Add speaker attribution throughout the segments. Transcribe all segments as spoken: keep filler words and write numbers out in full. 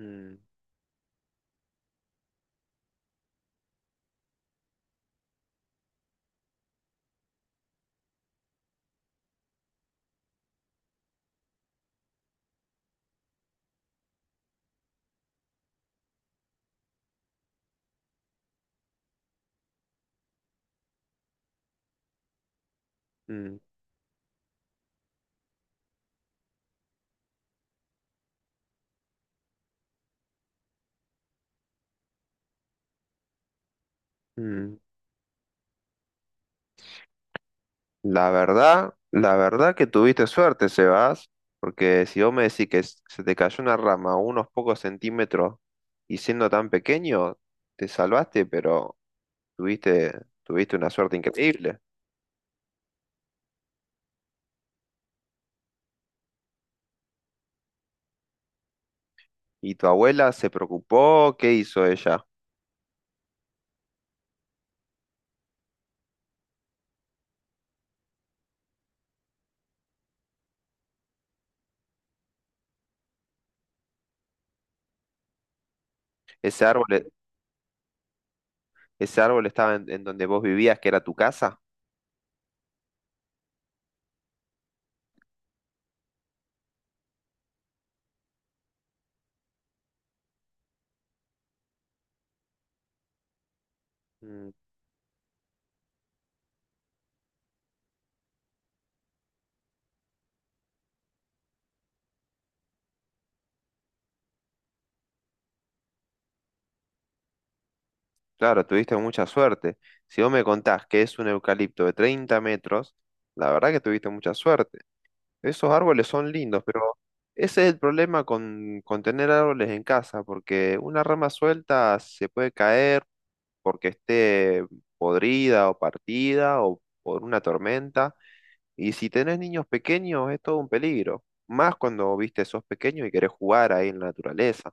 Speaker 1: Mm, mm, mm. La verdad, la verdad que tuviste suerte, Sebas, porque si vos me decís que s- se te cayó una rama unos pocos centímetros y siendo tan pequeño, te salvaste, pero tuviste, tuviste una suerte increíble. ¿Y tu abuela se preocupó? ¿Qué hizo ella? ¿Ese árbol, e- ese árbol estaba en, en donde vos vivías, que era tu casa? Mm, claro, tuviste mucha suerte. Si vos me contás que es un eucalipto de treinta metros, la verdad que tuviste mucha suerte. Esos árboles son lindos, pero ese es el problema con, con tener árboles en casa, porque una rama suelta se puede caer porque esté podrida o partida o por una tormenta. Y si tenés niños pequeños es todo un peligro, más cuando, viste, sos pequeño y querés jugar ahí en la naturaleza.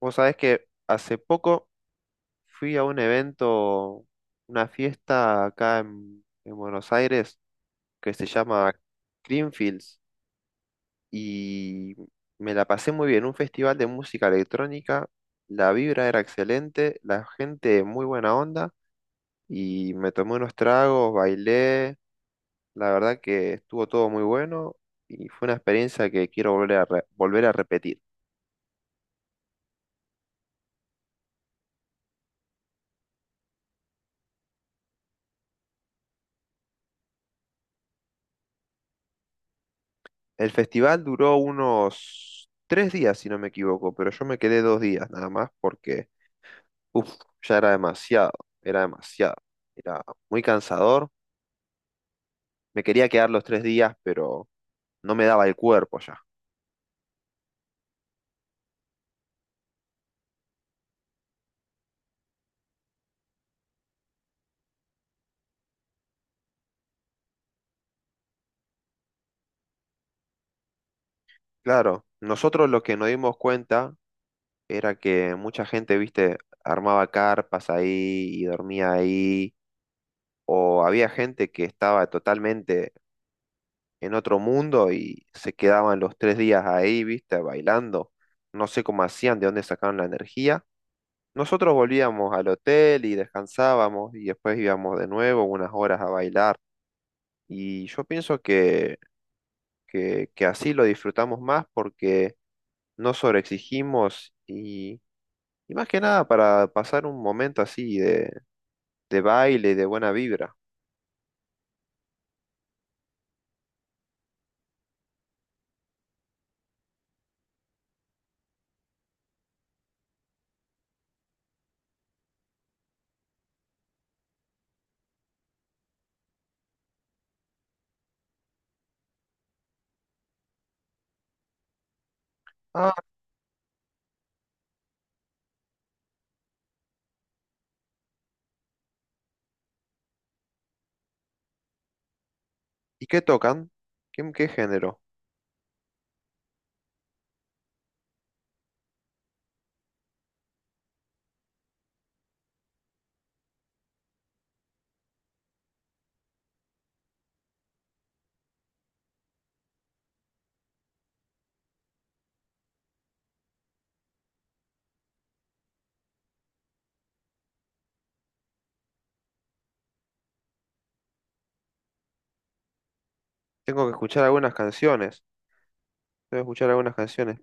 Speaker 1: Vos sabés que hace poco fui a un evento, una fiesta acá en, en Buenos Aires que se llama Greenfields y me la pasé muy bien. Un festival de música electrónica, la vibra era excelente, la gente muy buena onda y me tomé unos tragos, bailé, la verdad que estuvo todo muy bueno y fue una experiencia que quiero volver a, re- volver a repetir. El festival duró unos tres días, si no me equivoco, pero yo me quedé dos días nada más porque uf, ya era demasiado, era demasiado, era muy cansador. Me quería quedar los tres días, pero no me daba el cuerpo ya. Claro, nosotros lo que nos dimos cuenta era que mucha gente, viste, armaba carpas ahí y dormía ahí, o había gente que estaba totalmente en otro mundo y se quedaban los tres días ahí, viste, bailando. No sé cómo hacían, de dónde sacaban la energía. Nosotros volvíamos al hotel y descansábamos y después íbamos de nuevo unas horas a bailar. Y yo pienso que, que que así lo disfrutamos más porque no sobreexigimos y Y más que nada para pasar un momento así de, de baile, y de buena vibra. Ah, ¿y qué tocan? ¿Qué, qué género? Tengo que escuchar algunas canciones. Tengo que escuchar algunas canciones.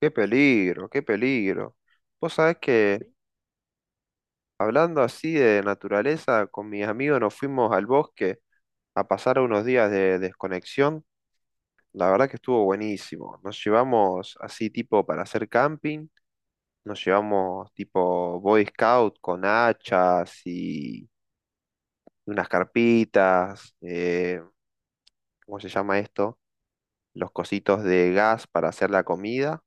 Speaker 1: ¡Qué peligro, qué peligro! Vos sabés que hablando así de naturaleza, con mis amigos nos fuimos al bosque a pasar unos días de desconexión. La verdad que estuvo buenísimo. Nos llevamos así tipo para hacer camping. Nos llevamos tipo Boy Scout con hachas unas carpitas, eh, ¿cómo se llama esto? Los cositos de gas para hacer la comida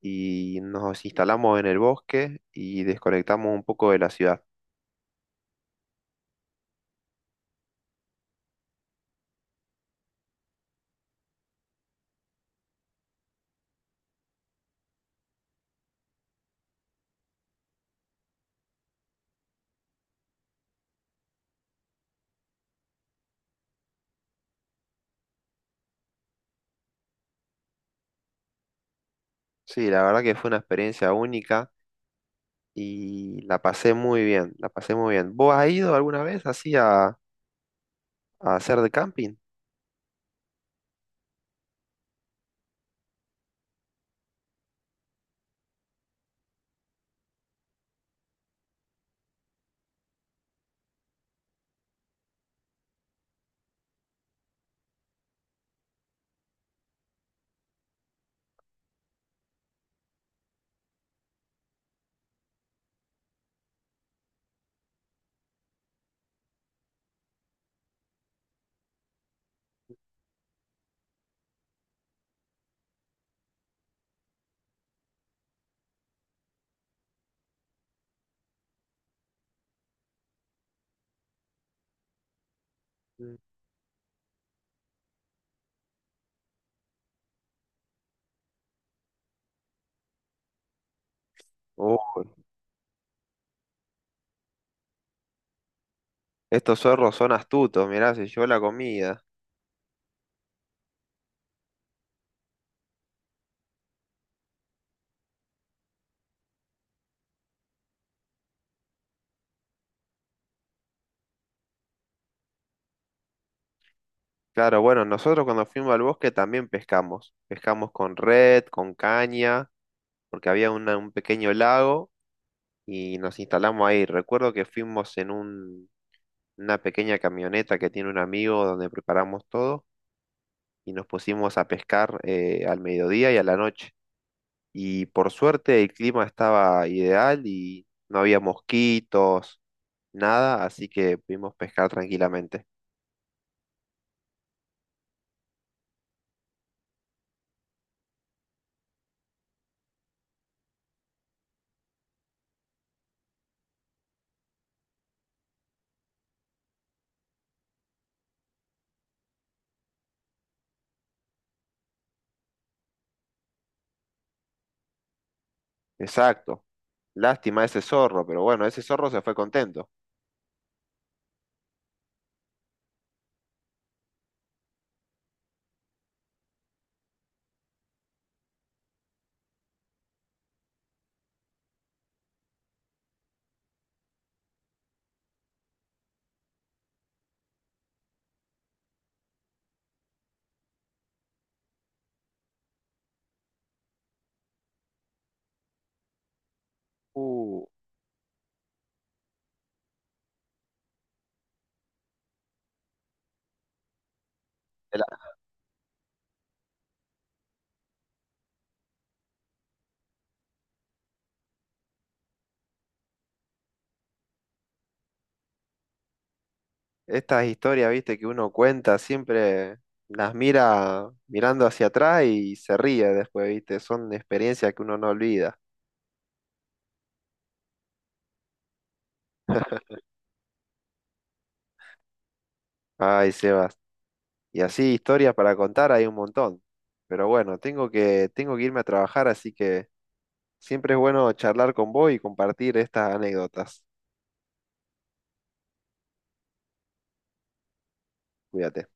Speaker 1: y nos instalamos en el bosque y desconectamos un poco de la ciudad. Sí, la verdad que fue una experiencia única y la pasé muy bien, la pasé muy bien. ¿Vos has ido alguna vez así a, a hacer de camping? Mm. Oh, estos zorros son astutos, mirá, se llevó la comida. Claro, bueno, nosotros cuando fuimos al bosque también pescamos. Pescamos con red, con caña porque había una- un pequeño lago y nos instalamos ahí. Recuerdo que fuimos en un- una pequeña camioneta que tiene un amigo donde preparamos todo y nos pusimos a pescar eh, al mediodía y a la noche. Y por suerte el clima estaba ideal y no había mosquitos, nada, así que pudimos pescar tranquilamente. Exacto. Lástima ese zorro, pero bueno, ese zorro se fue contento. Uh, Estas historias, viste, que uno cuenta, siempre las mira mirando hacia atrás y se ríe después, viste, son experiencias que uno no olvida. Ay, Sebas. Y así historias para contar hay un montón. Pero bueno, tengo que, tengo que irme a trabajar, así que siempre es bueno charlar con vos y compartir estas anécdotas. Cuídate.